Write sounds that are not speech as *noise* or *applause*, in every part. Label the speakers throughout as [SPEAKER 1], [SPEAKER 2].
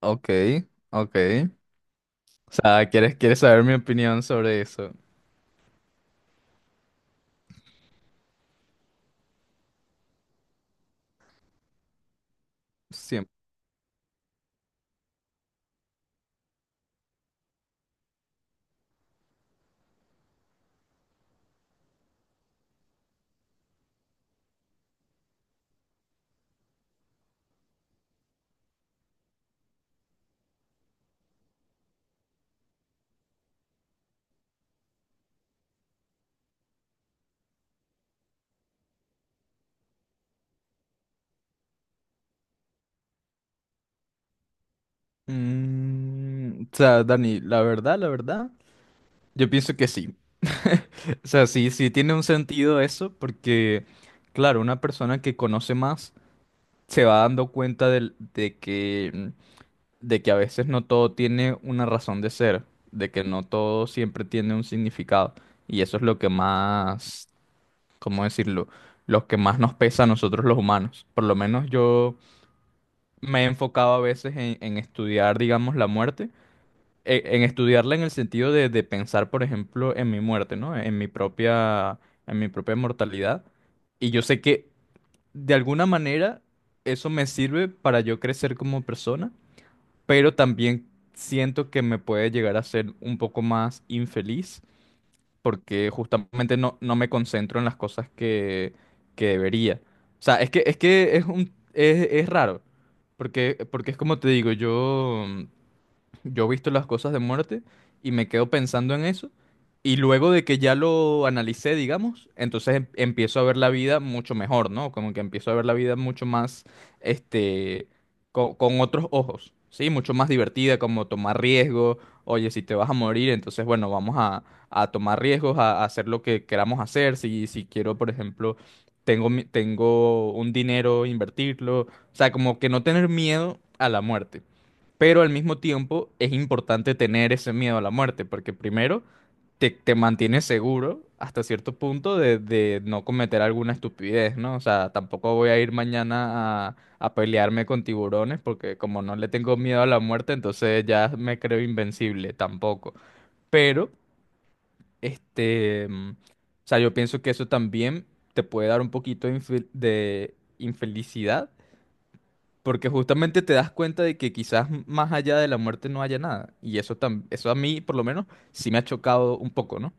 [SPEAKER 1] Ok, ok. O sea, ¿quieres saber mi opinión sobre eso? Siempre. O sea, Dani, la verdad, yo pienso que sí. *laughs* O sea, sí, sí tiene un sentido eso, porque, claro, una persona que conoce más se va dando cuenta que, de que a veces no todo tiene una razón de ser, de que no todo siempre tiene un significado. Y eso es lo que más, ¿cómo decirlo? Lo que más nos pesa a nosotros los humanos. Por lo menos yo me he enfocado a veces en estudiar, digamos, la muerte, en, estudiarla en el sentido de pensar, por ejemplo, en mi muerte, ¿no? En mi propia mortalidad. Y yo sé que de alguna manera eso me sirve para yo crecer como persona, pero también siento que me puede llegar a ser un poco más infeliz porque justamente no, no me concentro en las cosas que debería. O sea, es que es un es raro, porque es como te digo, yo he visto las cosas de muerte y me quedo pensando en eso. Y luego de que ya lo analicé, digamos, entonces empiezo a ver la vida mucho mejor, ¿no? Como que empiezo a ver la vida mucho más, este, con otros ojos, ¿sí? Mucho más divertida, como tomar riesgos. Oye, si te vas a morir, entonces, bueno, vamos a tomar riesgos, a hacer lo que queramos hacer. Si, si quiero, por ejemplo, tengo un dinero, invertirlo. O sea, como que no tener miedo a la muerte. Pero al mismo tiempo es importante tener ese miedo a la muerte, porque primero te, te mantienes seguro hasta cierto punto de no cometer alguna estupidez, ¿no? O sea, tampoco voy a ir mañana a pelearme con tiburones, porque como no le tengo miedo a la muerte, entonces ya me creo invencible, tampoco. Pero, o sea, yo pienso que eso también te puede dar un poquito de de infelicidad porque justamente te das cuenta de que quizás más allá de la muerte no haya nada. Y eso, eso a mí, por lo menos, sí me ha chocado un poco, ¿no?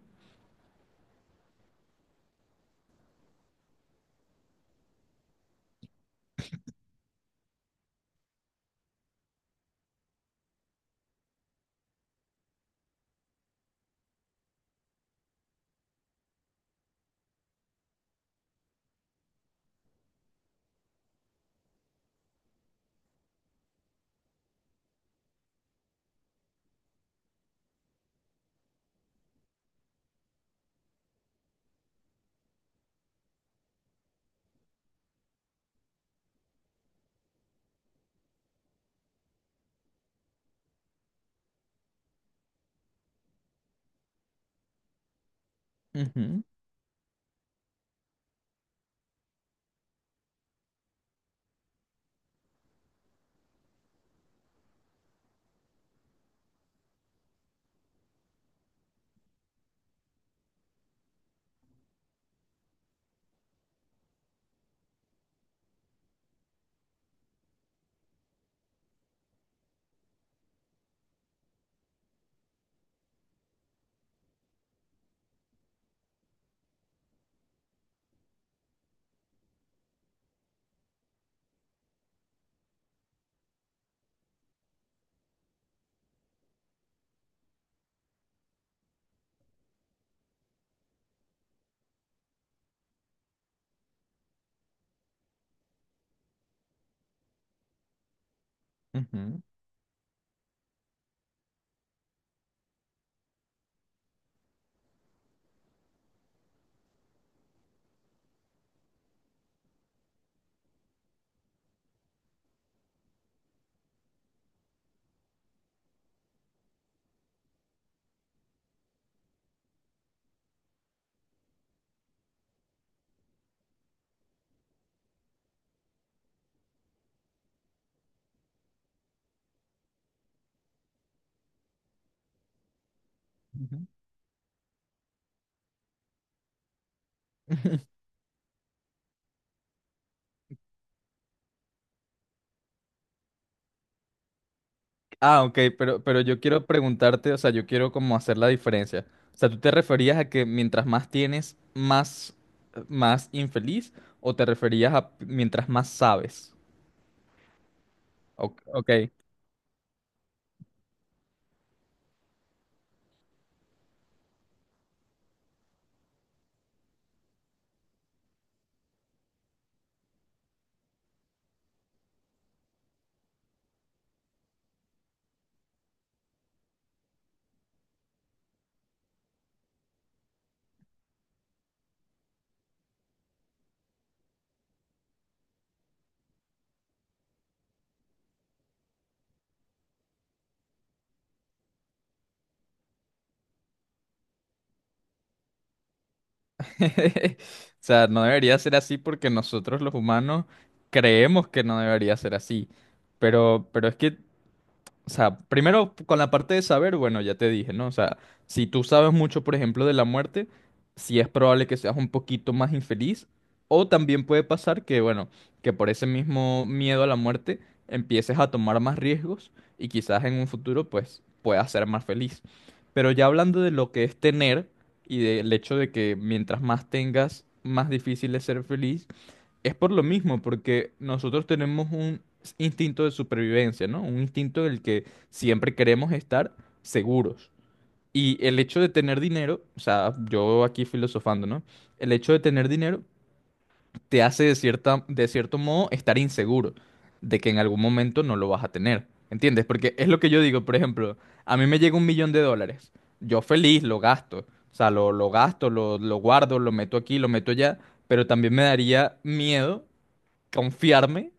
[SPEAKER 1] Ujú, ujú, ujú. *laughs* Ah, ok, pero yo quiero preguntarte, o sea, yo quiero como hacer la diferencia. O sea, ¿tú te referías a que mientras más tienes, más, más infeliz? ¿O te referías a mientras más sabes? Ok. *laughs* O sea, no debería ser así porque nosotros los humanos creemos que no debería ser así. Pero es que o sea, primero con la parte de saber, bueno, ya te dije, ¿no? O sea, si tú sabes mucho, por ejemplo, de la muerte, sí es probable que seas un poquito más infeliz. O también puede pasar que, bueno, que por ese mismo miedo a la muerte empieces a tomar más riesgos y quizás en un futuro, pues, puedas ser más feliz. Pero ya hablando de lo que es tener y del hecho de que mientras más tengas, más difícil es ser feliz es por lo mismo, porque nosotros tenemos un instinto de supervivencia, ¿no? Un instinto en el que siempre queremos estar seguros. Y el hecho de tener dinero, o sea, yo aquí filosofando, ¿no? El hecho de tener dinero te hace de de cierto modo estar inseguro de que en algún momento no lo vas a tener. ¿Entiendes? Porque es lo que yo digo, por ejemplo, a mí me llega $1,000,000. Yo feliz lo gasto. O sea, lo gasto, lo guardo, lo meto aquí, lo meto allá, pero también me daría miedo confiarme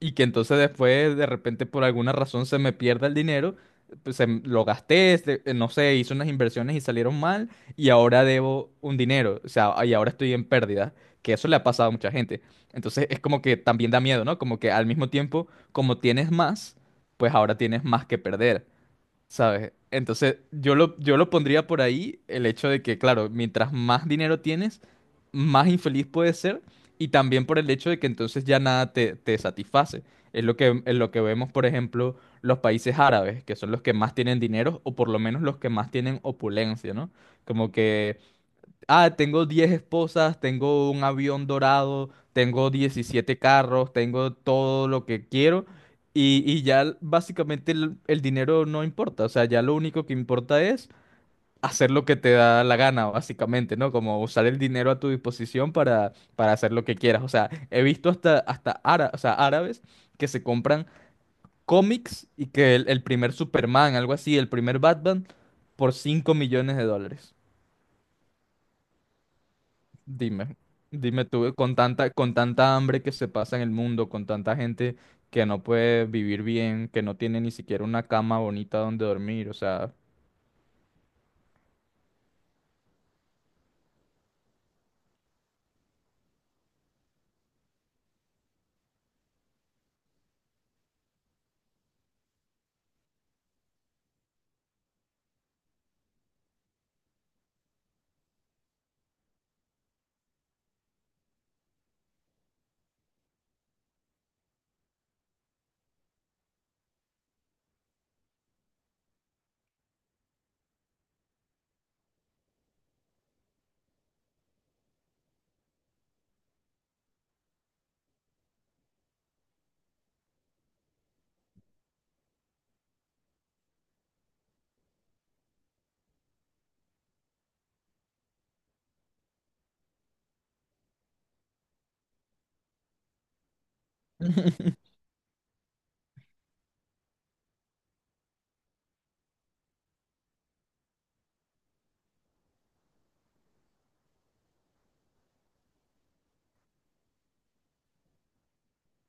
[SPEAKER 1] y que entonces después de repente por alguna razón se me pierda el dinero, pues lo gasté, no sé, hice unas inversiones y salieron mal y ahora debo un dinero, o sea, y ahora estoy en pérdida, que eso le ha pasado a mucha gente. Entonces es como que también da miedo, ¿no? Como que al mismo tiempo, como tienes más, pues ahora tienes más que perder. ¿Sabes? Entonces, yo lo pondría por ahí el hecho de que, claro, mientras más dinero tienes, más infeliz puedes ser. Y también por el hecho de que entonces ya nada te, te satisface. Es lo que vemos, por ejemplo, los países árabes, que son los que más tienen dinero, o por lo menos los que más tienen opulencia, ¿no? Como que ah, tengo 10 esposas, tengo un avión dorado, tengo 17 carros, tengo todo lo que quiero y ya básicamente el dinero no importa, o sea, ya lo único que importa es hacer lo que te da la gana, básicamente, ¿no? Como usar el dinero a tu disposición para hacer lo que quieras. O sea, he visto hasta, o sea, árabes que se compran cómics y que el primer Superman, algo así, el primer Batman, por $5,000,000. Dime, dime tú, con tanta hambre que se pasa en el mundo, con tanta gente que no puede vivir bien, que no tiene ni siquiera una cama bonita donde dormir, o sea. *laughs*